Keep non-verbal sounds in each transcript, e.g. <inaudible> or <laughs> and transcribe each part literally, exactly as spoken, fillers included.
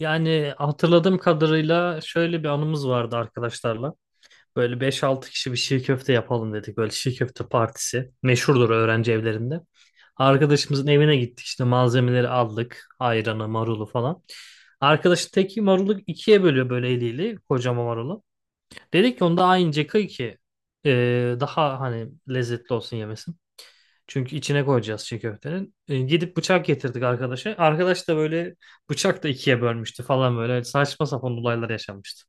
Yani hatırladığım kadarıyla şöyle bir anımız vardı arkadaşlarla. Böyle beş altı kişi bir şiş köfte yapalım dedik. Böyle şiş köfte partisi. Meşhurdur öğrenci evlerinde. Arkadaşımızın evine gittik işte malzemeleri aldık. Ayranı, marulu falan. Arkadaşın teki marulu ikiye bölüyor böyle eliyle. Kocaman marulu. Dedik ki onda aynı kıy ki e, daha hani lezzetli olsun yemesi. Çünkü içine koyacağız çiğ köftenin. E, gidip bıçak getirdik arkadaşa. Arkadaş da böyle bıçak da ikiye bölmüştü falan böyle saçma sapan olaylar yaşanmıştı.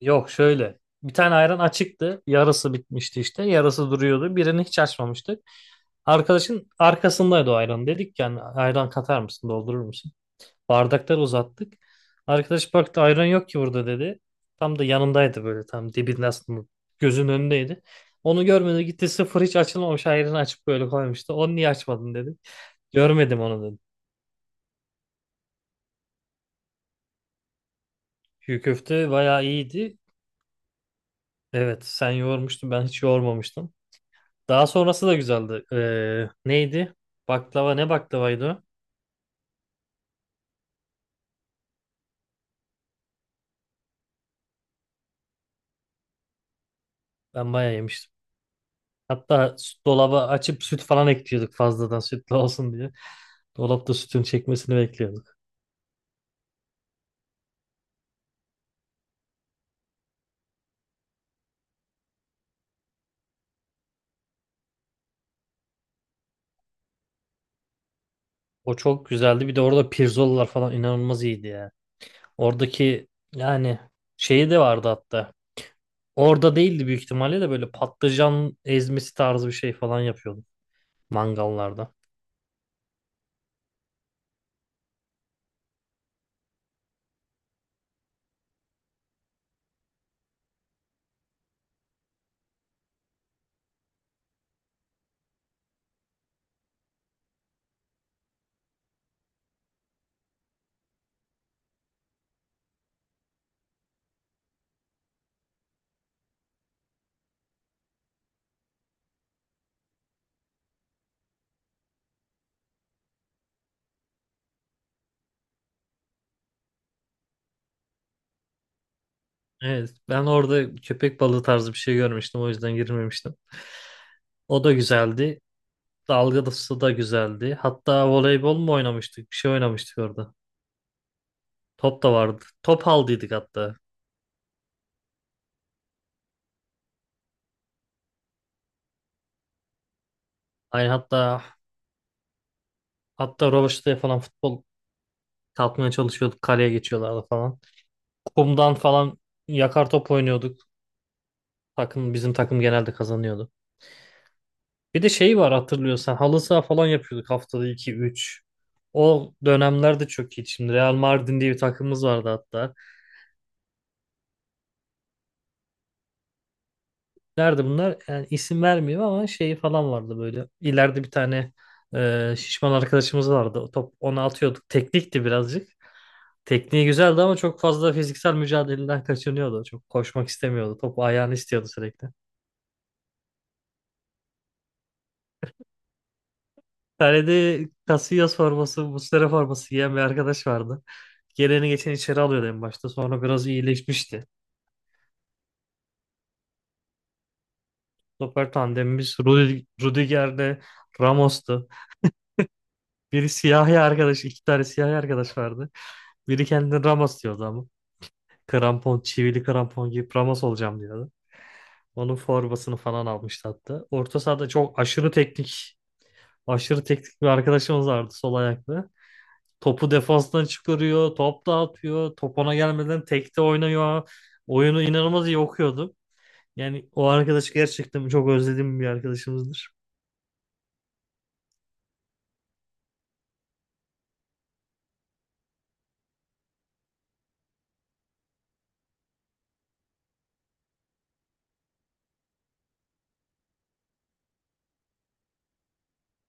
Yok şöyle. Bir tane ayran açıktı. Yarısı bitmişti işte. Yarısı duruyordu. Birini hiç açmamıştık. Arkadaşın arkasındaydı o ayran. Dedik yani ayran katar mısın, doldurur musun? Bardaklar uzattık. Arkadaş baktı ayran yok ki burada dedi. Tam da yanındaydı böyle tam dibinde aslında gözün önündeydi. Onu görmedi gitti sıfır hiç açılmamış ayranı açıp böyle koymuştu. Onu niye açmadın dedi. Görmedim onu dedi. Çiğ köfte bayağı iyiydi. Evet sen yoğurmuştun ben hiç yoğurmamıştım. Daha sonrası da güzeldi. Ee, neydi? Baklava ne baklavaydı o? Ben bayağı yemiştim. Hatta süt- dolaba açıp süt falan ekliyorduk fazladan sütlü olsun diye. Dolapta sütün çekmesini bekliyorduk. O çok güzeldi. Bir de orada pirzolalar falan inanılmaz iyiydi ya. Oradaki yani şeyi de vardı hatta. Orada değildi büyük ihtimalle de böyle patlıcan ezmesi tarzı bir şey falan yapıyordu mangallarda. Evet, ben orada köpek balığı tarzı bir şey görmüştüm. O yüzden girmemiştim. O da güzeldi. Dalgalısı da güzeldi. Hatta voleybol mu oynamıştık? Bir şey oynamıştık orada. Top da vardı. Top aldıydık hatta. Aynı hatta hatta Roveşte'ye falan futbol kalkmaya çalışıyorduk. Kaleye geçiyorlardı falan. Kumdan falan yakar top oynuyorduk. Takım bizim takım genelde kazanıyordu. Bir de şey var hatırlıyorsan halı saha falan yapıyorduk haftada iki üç. O dönemlerde çok iyi. Şimdi Real Mardin diye bir takımımız vardı hatta. Nerede bunlar? Yani isim vermeyeyim ama şeyi falan vardı böyle. İleride bir tane e, şişman arkadaşımız vardı. O top ona atıyorduk. Teknikti birazcık. Tekniği güzeldi ama çok fazla fiziksel mücadeleden kaçınıyordu. Çok koşmak istemiyordu. Top ayağını istiyordu sürekli. Tane de Casillas forması, Muslera forması giyen bir arkadaş vardı. Geleni geçen içeri alıyordu en başta. Sonra biraz iyileşmişti. Stoper tandemimiz Rudi- Rudiger'le Ramos'tu. Biri siyahi arkadaş, iki tane siyahi arkadaş vardı. Biri kendini Ramos diyordu ama. Krampon, çivili krampon giyip Ramos olacağım diyordu. Onun formasını falan almıştı hatta. Orta sahada çok aşırı teknik, aşırı teknik bir arkadaşımız vardı sol ayaklı. Topu defanstan çıkarıyor. Top dağıtıyor. Top ona gelmeden tekte oynuyor. Oyunu inanılmaz iyi okuyordu. Yani o arkadaş gerçekten çok özlediğim bir arkadaşımızdır.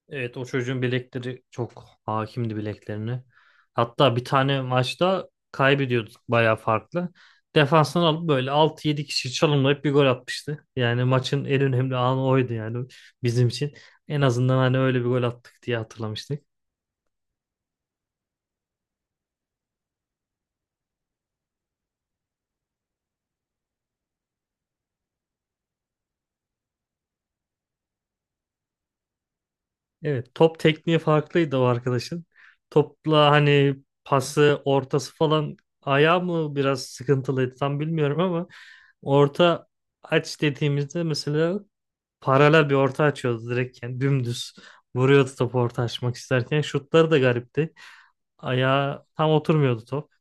Evet o çocuğun bilekleri çok hakimdi bileklerine. Hatta bir tane maçta kaybediyorduk bayağı farklı. Defanstan alıp böyle altı yedi kişi çalımlayıp bir gol atmıştı. Yani maçın en önemli anı oydu yani bizim için. En azından hani öyle bir gol attık diye hatırlamıştık. Evet, top tekniği farklıydı o arkadaşın. Topla hani pası, ortası falan ayağı mı biraz sıkıntılıydı tam bilmiyorum ama orta aç dediğimizde mesela paralel bir orta açıyordu direkt yani dümdüz vuruyordu topu orta açmak isterken şutları da garipti. Ayağı tam oturmuyordu top.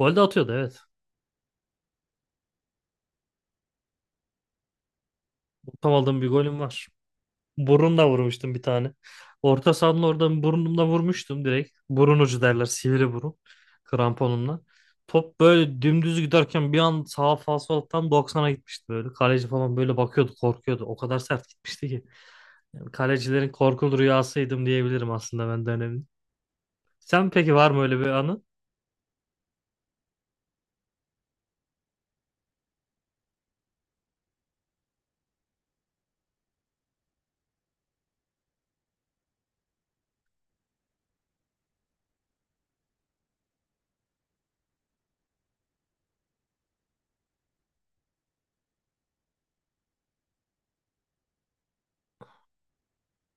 Gol de atıyordu evet. Tam aldığım bir golüm var. Burunla vurmuştum bir tane. Orta sahanın oradan burnumla vurmuştum direkt. Burun ucu derler sivri burun. Kramponumla. Top böyle dümdüz giderken bir an sağ falsolattan doksana gitmişti böyle. Kaleci falan böyle bakıyordu korkuyordu. O kadar sert gitmişti ki. Yani kalecilerin korkulu rüyasıydım diyebilirim aslında ben dönemin. Sen peki var mı öyle bir anı?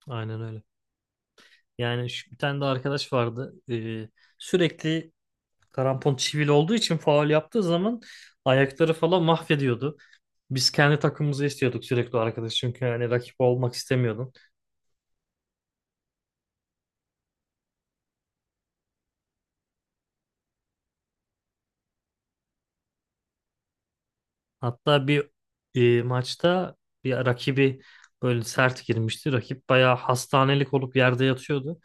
Aynen öyle. Yani şu, bir tane de arkadaş vardı. Ee, sürekli krampon çivili olduğu için faul yaptığı zaman ayakları falan mahvediyordu. Biz kendi takımımızı istiyorduk sürekli o arkadaş çünkü hani rakip olmak istemiyordum. Hatta bir e, maçta bir rakibi böyle sert girmişti. Rakip bayağı hastanelik olup yerde yatıyordu.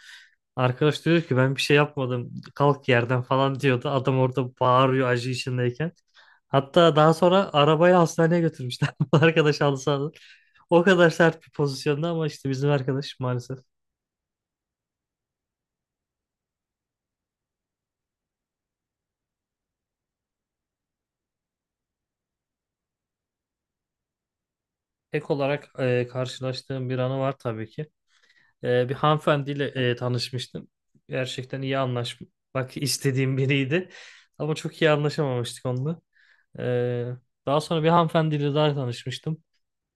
Arkadaş diyor ki ben bir şey yapmadım kalk yerden falan diyordu. Adam orada bağırıyor acı içindeyken. Hatta daha sonra arabayı hastaneye götürmüşler. <laughs> Bu arkadaş halı sahada. O kadar sert bir pozisyonda ama işte bizim arkadaş maalesef. Ek olarak e, karşılaştığım bir anı var tabii ki. Ee, bir hanımefendiyle e, tanışmıştım. Gerçekten iyi anlaşmak istediğim biriydi. Ama çok iyi anlaşamamıştık onunla. Ee, Daha sonra bir hanımefendiyle daha tanışmıştım.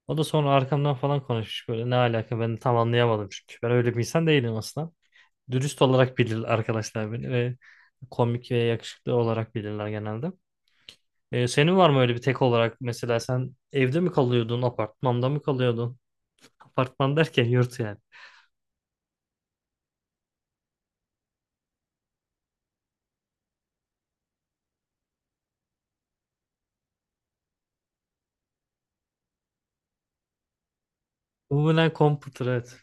O da sonra arkamdan falan konuşmuş böyle ne alaka ben de tam anlayamadım çünkü ben öyle bir insan değilim aslında. Dürüst olarak bilir arkadaşlar beni ve komik ve yakışıklı olarak bilirler genelde. Ee, senin var mı öyle bir tek olarak mesela sen evde mi kalıyordun, apartmanda mı kalıyordun? Apartman derken yurt yani. Umumen komputer evet.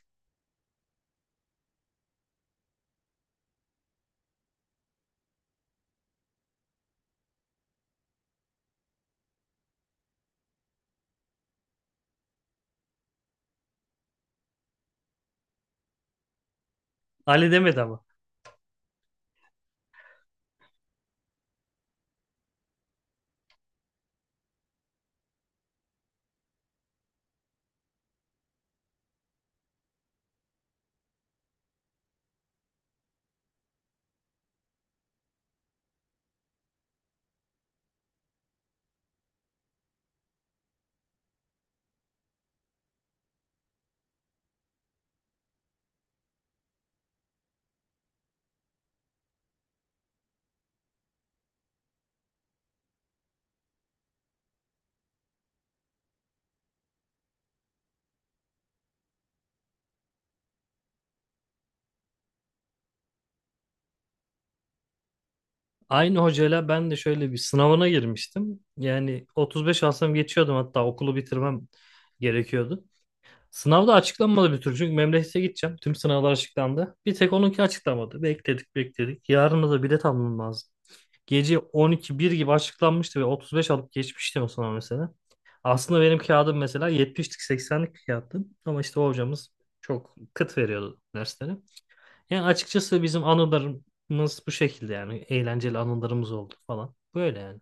Ali demedi ama. Aynı hocayla ben de şöyle bir sınavına girmiştim. Yani otuz beş alsam geçiyordum hatta okulu bitirmem gerekiyordu. Sınavda açıklanmadı bir türlü çünkü memlekete gideceğim. Tüm sınavlar açıklandı. Bir tek onunki açıklanmadı. Bekledik bekledik. Yarın da bilet almam lazım. Gece on iki bir gibi açıklanmıştı ve otuz beş alıp geçmiştim o sınav mesela. Aslında benim kağıdım mesela yetmişlik seksenlik bir kağıttı. Ama işte o hocamız çok kıt veriyordu dersleri. Yani açıkçası bizim anılarımız bu şekilde yani. Eğlenceli anılarımız oldu falan. Böyle yani.